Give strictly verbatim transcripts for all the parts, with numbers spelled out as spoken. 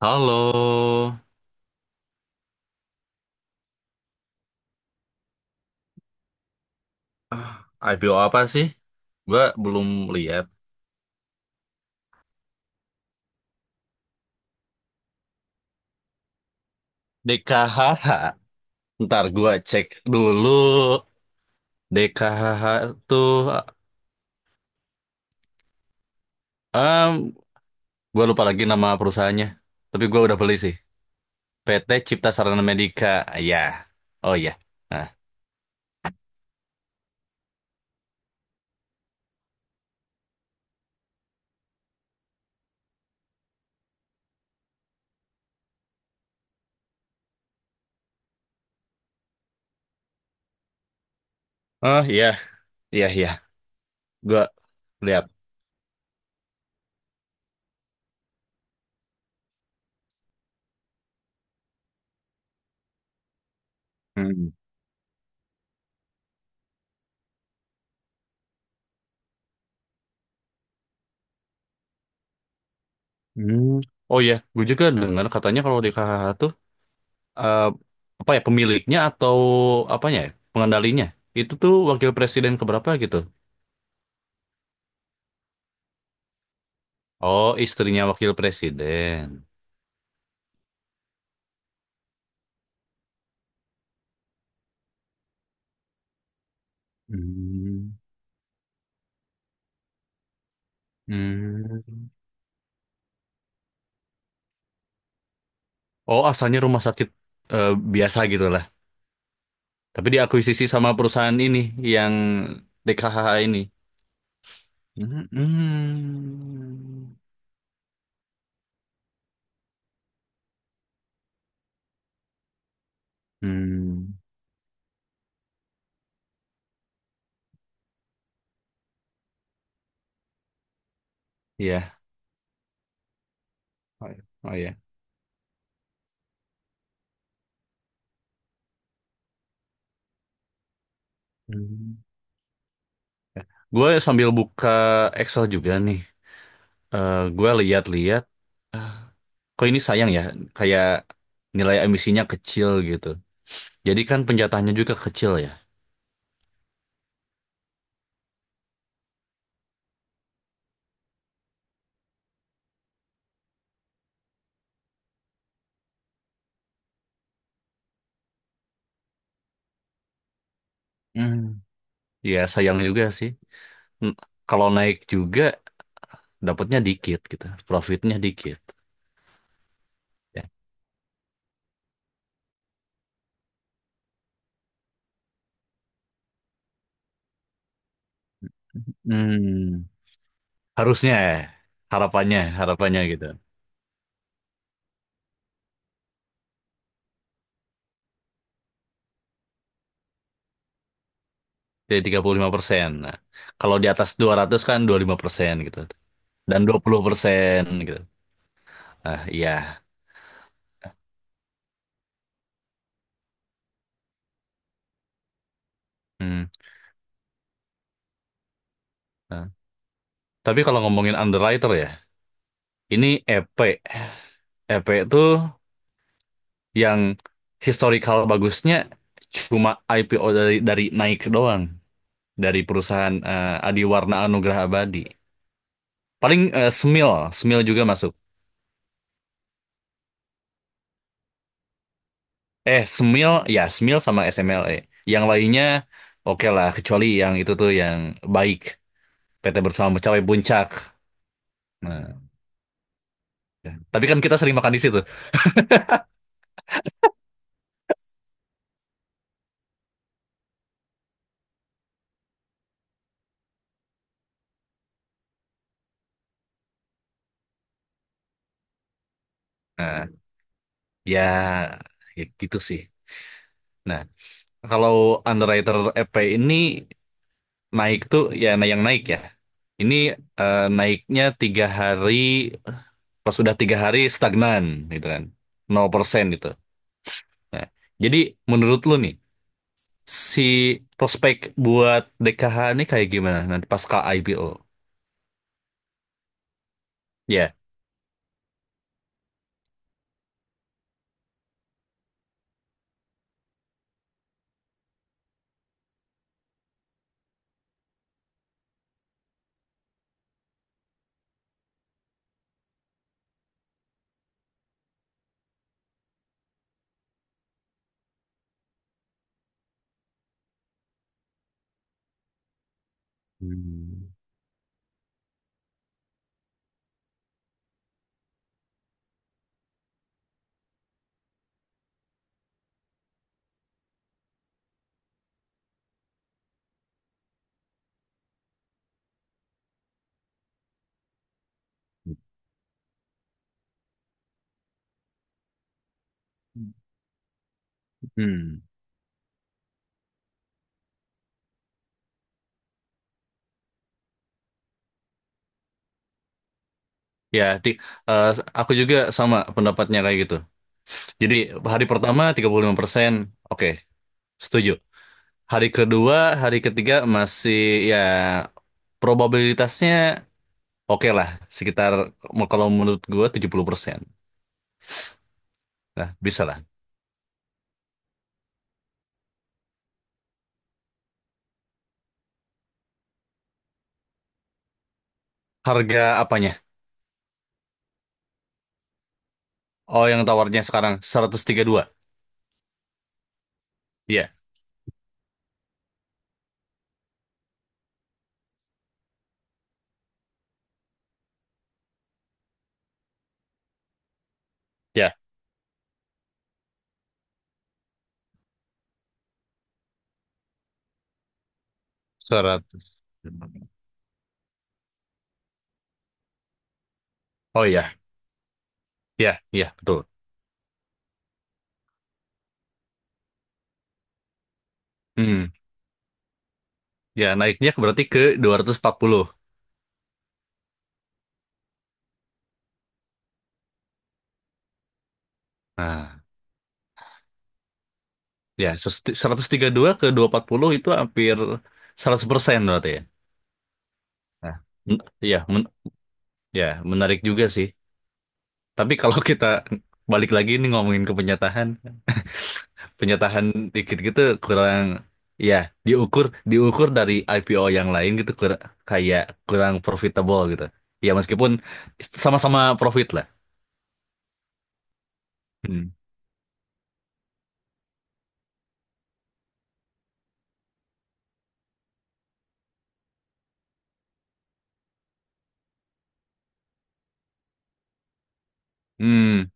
Halo, Ah, i p o apa sih? Gua belum lihat. d k h h. Ntar gua cek dulu. d k h h tuh, em, gua lupa lagi nama perusahaannya. Tapi gua udah beli sih. p t Cipta Sarana Medika. Ya, oh iya. Nah, oh iya, iya iya. Gua lihat. Hmm. Hmm. Oh iya, gue juga dengar katanya kalau d k h h tuh eh, apa ya pemiliknya atau apanya ya, pengendalinya itu tuh wakil presiden keberapa gitu. Oh, istrinya wakil presiden. Hmm. Hmm. Oh, asalnya rumah sakit eh, biasa gitu lah, tapi diakuisisi sama perusahaan ini, yang d k h h ini. Hmm. Hmm. Iya, oh ya oh ya. Hmm. Gue sambil buka Excel juga nih. Eh gue lihat-lihat, kok ini sayang ya, kayak nilai emisinya kecil gitu. Jadi kan penjatahannya juga kecil ya. Hmm. Ya sayang juga sih. N- Kalau naik juga dapatnya dikit gitu, profitnya dikit. Ya. Hmm. Harusnya ya, harapannya, harapannya gitu. Jadi tiga puluh lima persen. Nah, kalau di atas dua ratus kan dua puluh lima persen gitu. Dan dua puluh persen gitu. Ah, iya. Hmm. Nah, tapi kalau ngomongin underwriter ya, ini e p. e p itu yang historical bagusnya cuma i p o dari dari Nike doang, dari perusahaan eh, Adiwarna Anugrah Abadi. Paling eh, Smil, Smil juga masuk. Eh, Smil, ya Smil sama s m l e. Yang lainnya oke lah, kecuali yang itu tuh yang baik, p t Bersama Mencapai Puncak. Nah, tapi kan kita sering makan di situ. Nah, ya, ya gitu sih. Nah, kalau underwriter e p ini naik tuh ya, nah yang naik ya. Ini eh, naiknya tiga hari. Pas sudah tiga hari stagnan gitu kan, nol persen gitu, nah, jadi menurut lu nih, si prospek buat d k h ini kayak gimana nanti pasca i p o ya? Hmm. Hmm. ya ti eh, aku juga sama pendapatnya kayak gitu, jadi hari pertama tiga puluh lima persen. Oke, setuju. Hari kedua, hari ketiga masih ya, probabilitasnya oke lah. Sekitar, m- kalau menurut gue tujuh puluh persen. Nah, bisa lah. Harga apanya? Oh, yang tawarnya sekarang seratus tiga puluh dua. Iya, ya. seratus Oh iya, ya, ya, betul. Hmm, ya naiknya berarti ke dua ratus empat puluh. Nah, ya ses- seratus tiga puluh dua ke dua ratus empat puluh itu hampir seratus persen berarti ya. Nah, men- ya, men- ya, menarik juga sih. Tapi kalau kita balik lagi nih ngomongin ke penyatahan, penyatahan dikit gitu, kurang ya, diukur diukur dari i p o yang lain gitu, kur- kayak kurang profitable gitu. Ya meskipun sama-sama profit lah. Hmm. Hmm,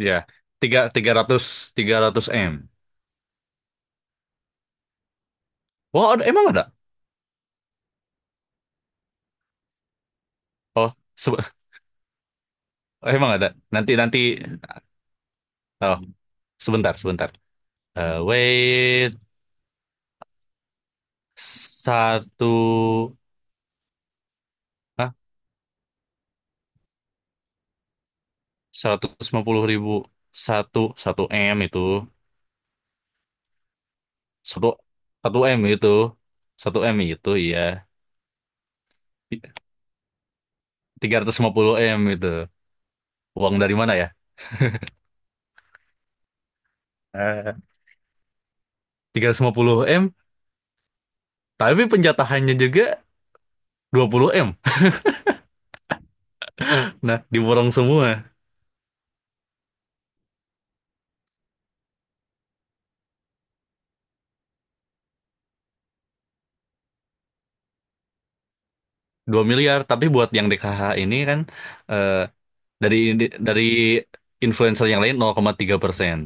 ya. Tiga Tiga ratus tiga ratus M. Wah, ada- emang ada? Oh, sebe- emang ada. Nanti nanti. Oh, sebentar sebentar. Eh, wait satu. Seratus lima puluh ribu, satu satu m itu, satu satu m itu, satu m itu iya. Tiga ratus lima puluh m itu, uang dari mana ya? Eh. Tiga ratus lima puluh m, tapi penjatahannya juga dua puluh m, nah diborong semua. Dua miliar tapi buat yang d k h ini kan, eh, dari dari influencer yang lain nol koma tiga persen.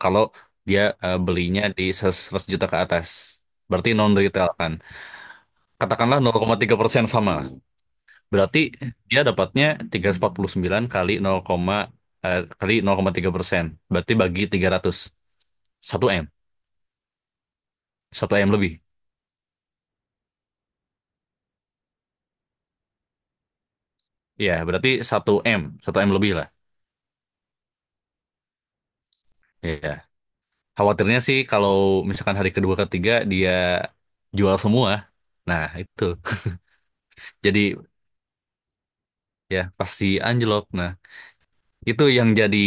Kalau dia eh, belinya di seratus juta ke atas, berarti non retail kan, katakanlah nol koma tiga persen sama. Berarti dia dapatnya tiga ratus empat puluh sembilan kali nol, eh, kali nol koma tiga persen. Berarti bagi tiga ratus. satu m. Satu m, satu M lebih. Ya, berarti satu m, satu m lebih lah. Ya. Khawatirnya sih kalau misalkan hari kedua ketiga dia jual semua. Nah, itu. Jadi ya pasti anjlok. Nah, itu yang jadi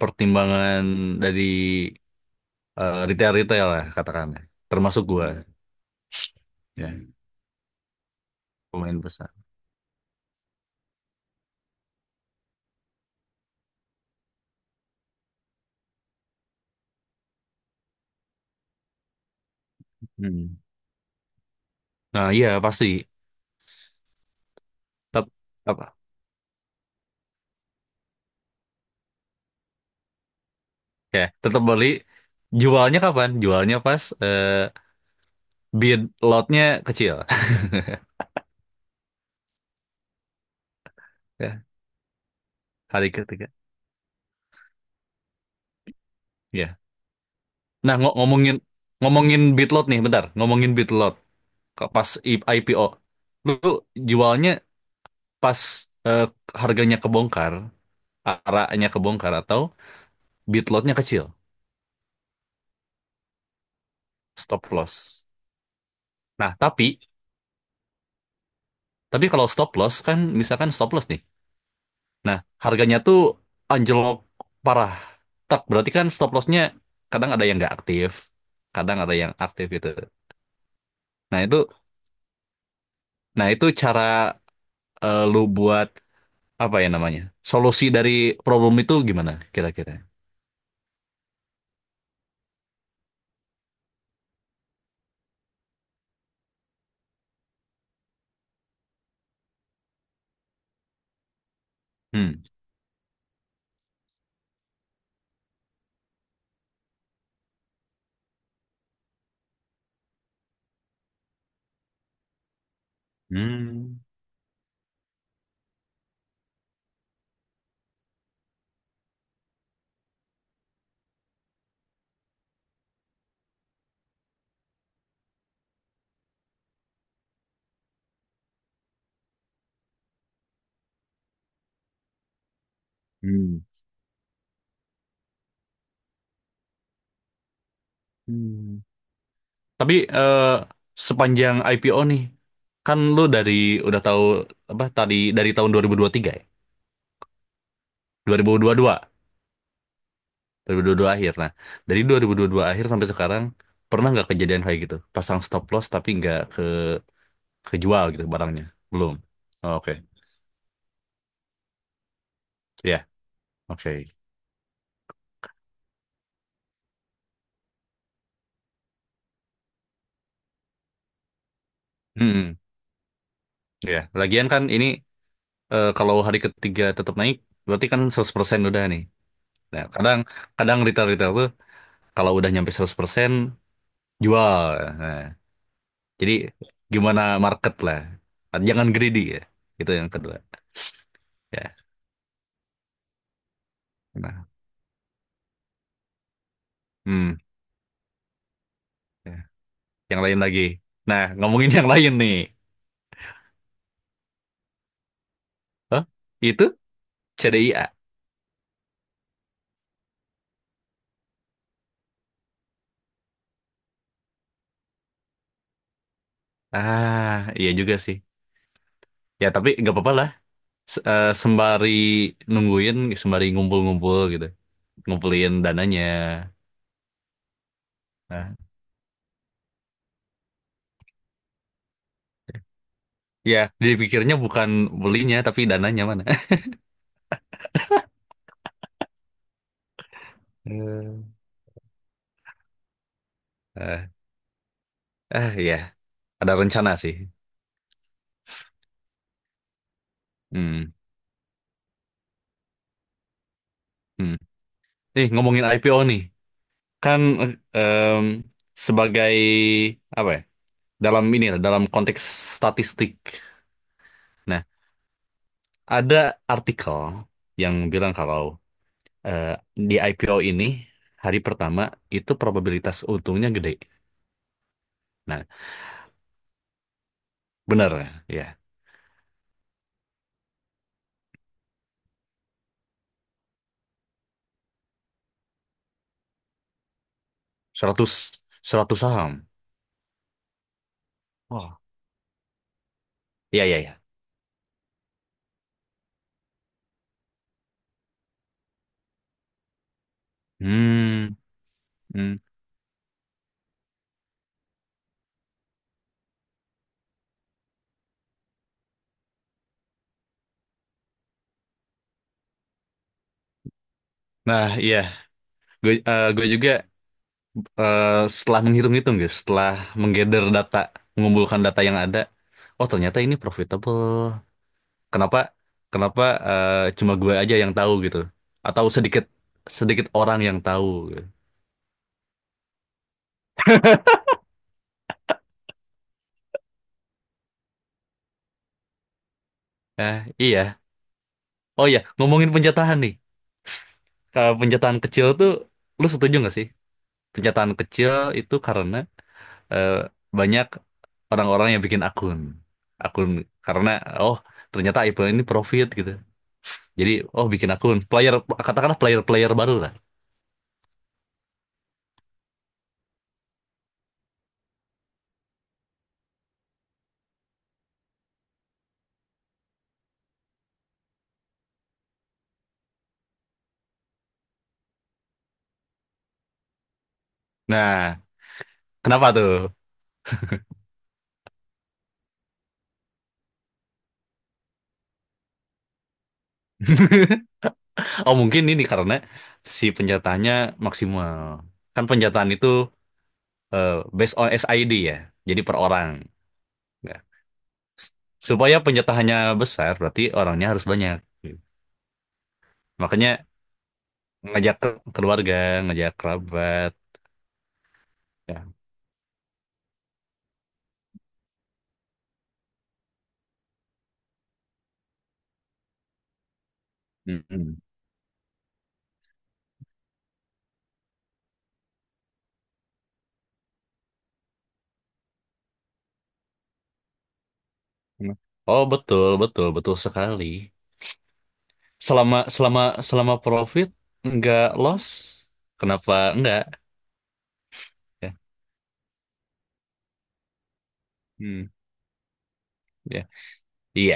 pertimbangan dari eh, retail-retail lah, katakanlah. Termasuk gua. Ya, pemain besar. Hmm. Nah, iya pasti. Tet apa? Ya, tetap beli. Jualnya kapan? Jualnya pas eh, bid lotnya kecil. Ya, hari ketiga. Ya. Nah, ngo- ngomongin ngomongin bid lot nih, bentar. Ngomongin bid lot. Ke- pas I- IPO. Lu jualnya pas eh, harganya kebongkar, arahnya kebongkar atau bid lotnya kecil. Stop loss. Nah, tapi tapi kalau stop loss kan misalkan stop loss nih. Nah, harganya tuh anjlok parah. Tak berarti kan stop lossnya kadang ada yang nggak aktif, kadang ada yang aktif gitu. Nah itu, nah itu cara eh, lu buat apa ya namanya? Solusi dari problem itu gimana kira-kira? Hmm. Hmm. Hmm. Hmm. Tapi eh, sepanjang i p o nih, kan lu dari udah tahu apa tadi dari tahun dua ribu dua puluh tiga ya? dua ribu dua puluh dua. dua ribu dua puluh dua akhir. Nah, dari dua ribu dua puluh dua akhir sampai sekarang pernah nggak kejadian kayak gitu? Pasang stop loss tapi nggak ke kejual gitu barangnya. Belum. Oh, oke. Ya, oke. Hmm. Ya, lagian kan ini eh, kalau hari ketiga tetap naik berarti kan seratus persen udah nih. Nah, kadang kadang retail-retail tuh kalau udah nyampe seratus persen jual. Nah, jadi gimana market lah. Jangan greedy ya. Itu yang kedua. Ya. Nah, hmm. Ya. Yang lain lagi. Nah, ngomongin yang lain nih. Hah? Itu c d i a. Ah, iya juga sih. Ya, tapi nggak apa-apa lah. S- eh, sembari nungguin, sembari ngumpul-ngumpul gitu. Ngumpulin dananya. Nah, ya, dipikirnya bukan belinya, tapi dananya mana. Hmm. Ah, ah, ya. Ada rencana sih. Hmm. Hmm. Nih, ngomongin i p o nih. Kan eh, em, sebagai, apa ya, dalam ini lah, dalam konteks statistik. Nah, ada artikel yang bilang kalau eh, di i p o ini hari pertama itu probabilitas untungnya gede. Nah, benar ya. seratus seratus saham. Wah. Iya, iya, iya. Hmm. Hmm. Nah, iya. Gue eh, gue juga eh, setelah menghitung-hitung guys, setelah menggather data, mengumpulkan data yang ada, oh ternyata ini profitable. Kenapa Kenapa eh, cuma gue aja yang tahu gitu atau sedikit sedikit orang yang tahu. Gitu. Nah, iya. Oh iya, ngomongin penjatahan nih. Kalau penjataan kecil tuh lu setuju nggak sih? Penjataan kecil itu karena eh, banyak orang-orang yang bikin akun. Akun karena oh ternyata i p l ini profit gitu. Jadi oh bikin akun player, katakanlah player-player baru lah. Nah, kenapa tuh? Oh mungkin ini karena si penjataannya maksimal. Kan penjataan itu eh, based on s i d ya. Jadi per orang. Nah, supaya penjatahannya besar berarti orangnya harus banyak. Makanya ngajak ke keluarga, ngajak kerabat. Ya. Mm-mm. Oh betul, betul, betul sekali. Selama selama Selama profit nggak loss, kenapa enggak? Ya. Hmm, ya. Iya,